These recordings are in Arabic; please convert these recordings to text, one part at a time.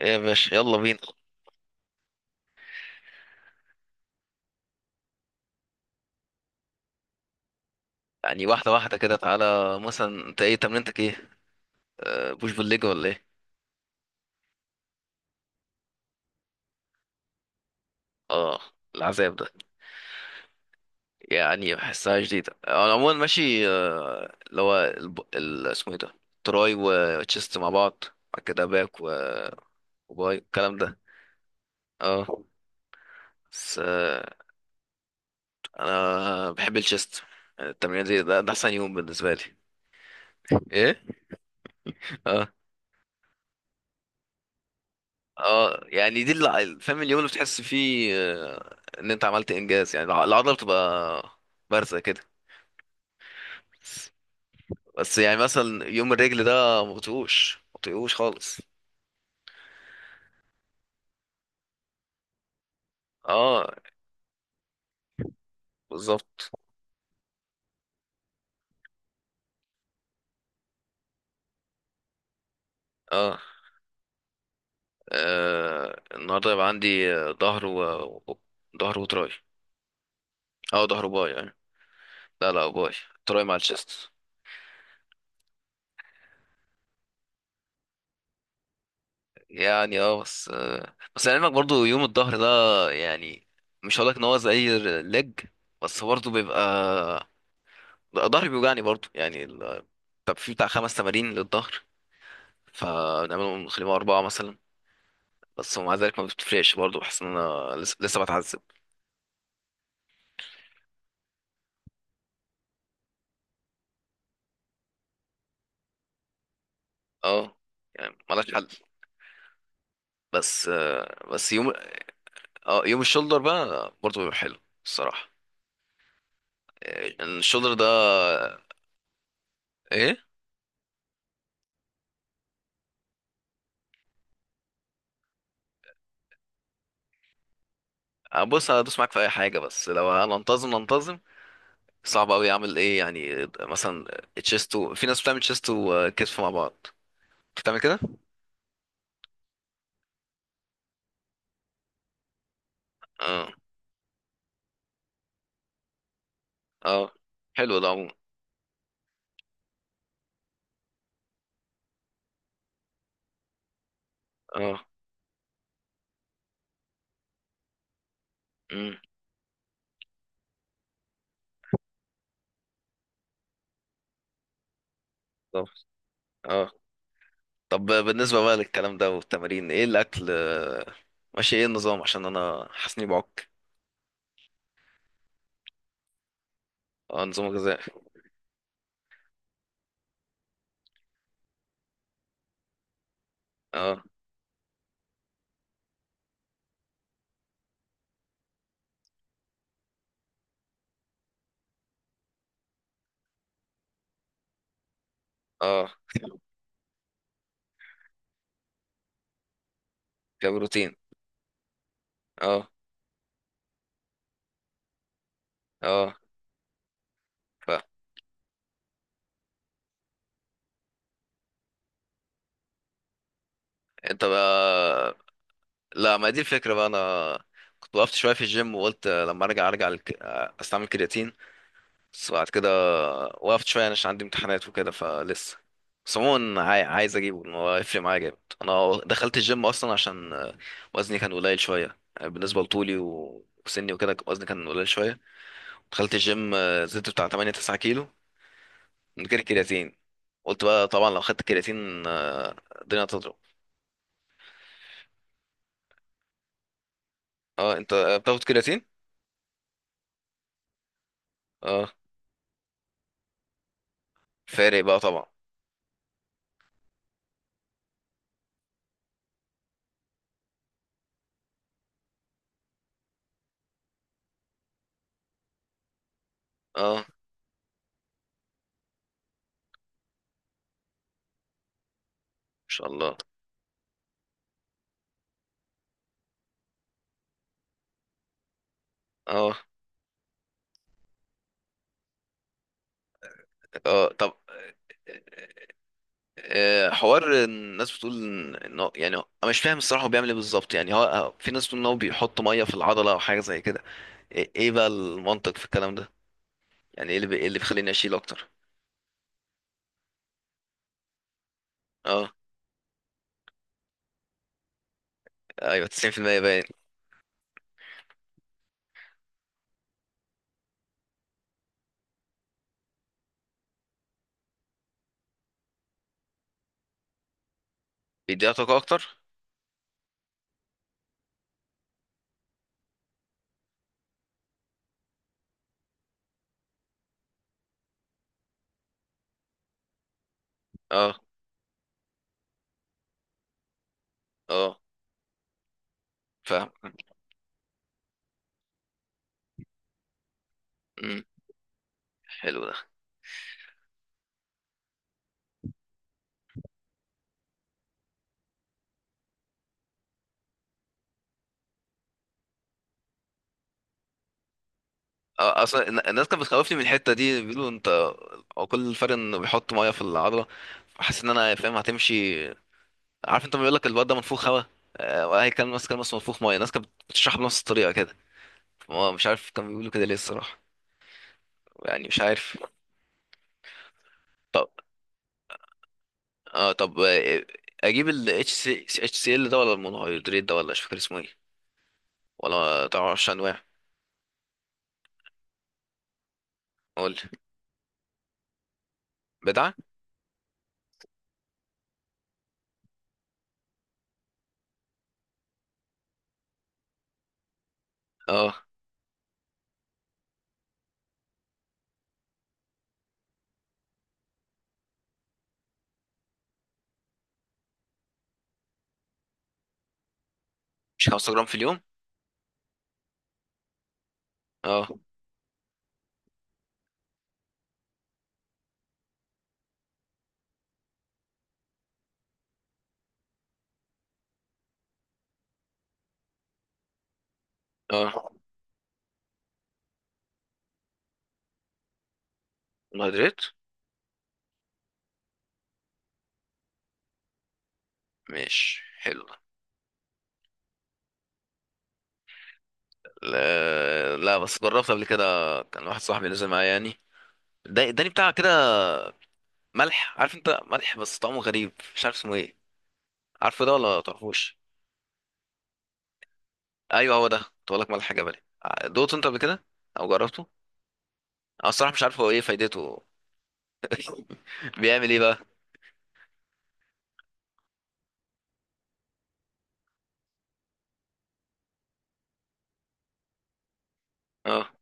يا باشا يلا بينا. يعني واحدة واحدة كده، تعالى مثلا، انت ايه تمرينتك؟ ايه؟ بوش بالليج ولا ايه؟ اه، العذاب ده. يعني بحسها جديدة، انا عموما ماشي، اللي هو اسمه ايه ده؟ تراي وتشيست مع بعض. بعد كده باك وباي الكلام ده. اه، بس، انا بحب الشيست. التمرين دي ده احسن يوم بالنسبة لي. ايه؟ آه. اه، يعني دي اللي فاهم، اليوم اللي بتحس فيه ان انت عملت انجاز، يعني العضله بتبقى بارزه كده. بس يعني مثلا يوم الرجل ده، ما بطيقوش ما بطيقوش خالص. اه، بالظبط. اه. النهارده يبقى عندي ظهر و- ظهر وتراي. اه، ظهر وباي يعني. لا، لا، باي. تراي مع الشيست. يعني اه، بس، بس لعلمك برضو يوم الظهر ده، يعني مش هقولك ان هو زي الليج. بس برضو بيبقى ظهري بيوجعني برضو، يعني طب في بتاع خمس تمارين للظهر فنعملهم نخليهم أربعة مثلا. بس ومع ذلك ما بتفرقش برضو، بحس إن أنا لسه بتعذب. اه، يعني ملهاش حل. بس يوم، اه، يوم الشولدر بقى برضو بيبقى حلو الصراحة. الشولدر ده. ايه؟ بص، هدوس معاك في اي حاجة، بس لو هننتظم ننتظم. صعب قوي، اعمل ايه؟ يعني مثلا تشيستو، في ناس بتعمل تشيستو وكتف مع بعض، بتعمل كده. اه. اه، حلو ده عموما. اه. امم. طب، اه، طب، بالنسبة بقى للكلام ده والتمارين، ايه الأكل؟ ماشي ايه النظام؟ عشان انا حاسس اني بعك. اه، نظام غذائي. اه. اه، كبروتين. اه اه. ف، انت بقى. لا، ما دي الفكرة بقى، انا كنت وقفت شوية في الجيم، وقلت لما ارجع ارجع لك. استعمل كرياتين بس بعد كده، وقفت شوية يعني عشان عندي امتحانات وكده فلسه. بس عموما، عايز اجيبه إن هو هيفرق معايا جامد. انا دخلت الجيم اصلا عشان، وزني كان قليل شوية، بالنسبة لطولي و- وسني وكده، وزني كان قليل شوية. دخلت الجيم، زدت بتاع 8 9 كيلو من غير كرياتين. قلت بقى طبعا لو خدت كرياتين، الدنيا هتضرب. اه، انت بتاخد كرياتين؟ اه، فارق بقى طبعا. اه، ان شاء الله. اه، اه، طب، حوار الناس بتقول يعني انا مش فاهم الصراحه، هو بيعمل ايه بالظبط؟ يعني في ناس بتقول ان هو بيحط ميه في العضله او حاجه زي كده. إيه بقى المنطق في الكلام ده؟ يعني ايه اللي إيه اللي بيخليني اشيل اكتر؟ اه، ايوه، 90% باين. بيديها طاقه اكتر. اه، اه، فاهم. امم. حلو ده. اصلا الناس كانت بتخوفني من الحته دي، بيقولوا انت هو كل الفرق انه بيحط ميه في العضله. حاسس ان انا فاهم هتمشي. عارف، انت ما بيقول لك الواد ده منفوخ هوا. وهي كان ماسك ماسك منفوخ ميه، الناس كانت بتشرح بنفس الطريقه كده. هو مش عارف كانوا بيقولوا كده ليه الصراحة. يعني مش عارف. طب. اه، طب، اجيب ال HC HCl ده ولا المونوهيدرات ده؟ ولا مش فاكر اسمه ايه، ولا تعرفش انواع؟ قول لي. بدعة. اه، مش 5 جرام في اليوم؟ اه، اه، مونوهيدرات. مش حلو؟ لا، لا، بس جربت قبل كده، كان واحد صاحبي نزل معايا يعني، ده اداني بتاع كده. ملح، عارف انت؟ ملح بس طعمه غريب، مش عارف اسمه ايه. عارفه ده ولا تعرفوش؟ ايوه، هو ده، كنت بقول لك ملح جبلي. دوت انت قبل كده او جربته؟ انا الصراحه مش عارف هو ايه فايدته. بيعمل ايه بقى؟ اه،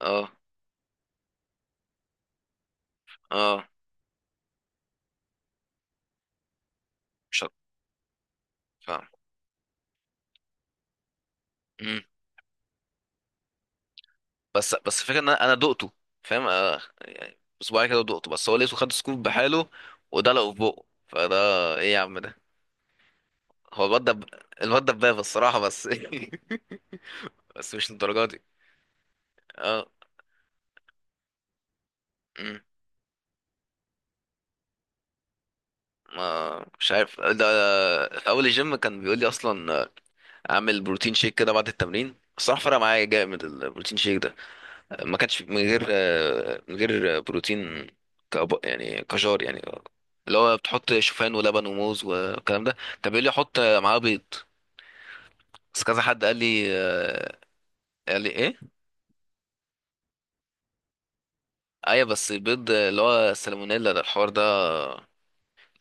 اه، اه، مش عارف. فاهم. مم. بس الفكره ان انا دقته، فاهم؟ يعني اسبوعين كده دقته، بس هو لقيته خد سكوب بحاله ودلقه في بقه فده. ايه يا عم ده؟ هو الواد الواد دبابه الصراحه، بس بس مش للدرجه دي. اه. مم. ما مش عارف ده. في اول الجيم كان بيقول لي اصلا، اعمل بروتين شيك كده بعد التمرين. الصراحه، فرق معايا جامد البروتين شيك ده، ما كانش من غير بروتين. يعني كجار يعني، اللي هو بتحط شوفان ولبن وموز والكلام ده. طب قال لي احط معاه بيض، بس كذا حد قال لي، قال لي ايه؟ ايوه، بس البيض اللي هو السالمونيلا ده الحوار ده،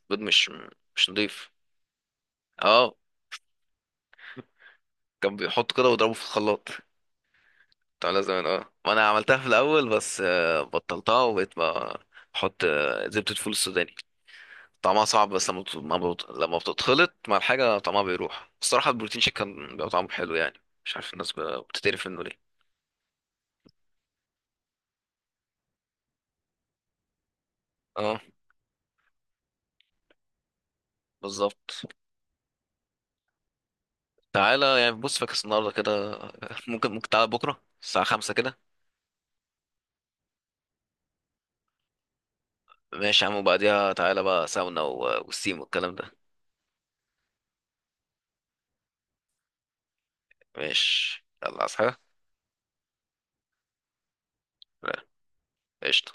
بيض مش مش نضيف. اه، كان بيحط كده ويضربه في الخلاط بتاع زمان، اه، وانا عملتها في الاول، بس بطلتها وبقيت بقى بحط زبدة فول السوداني، طعمها صعب بس لما بت- ما بت- لما بتتخلط مع الحاجة طعمها بيروح الصراحة. البروتين شيك كان بيبقى طعمه حلو، يعني مش عارف الناس بتتقرف منه ليه؟ اه، بالظبط. تعالى يعني، بص فاكس النهاردة كده ممكن تعالى بكرة الساعة 5 كده. ماشي يا عم، وبعديها تعالى بقى ساونا والسيم والكلام ده. ماشي، يلا، عايز حاجة؟ لا. قشطة.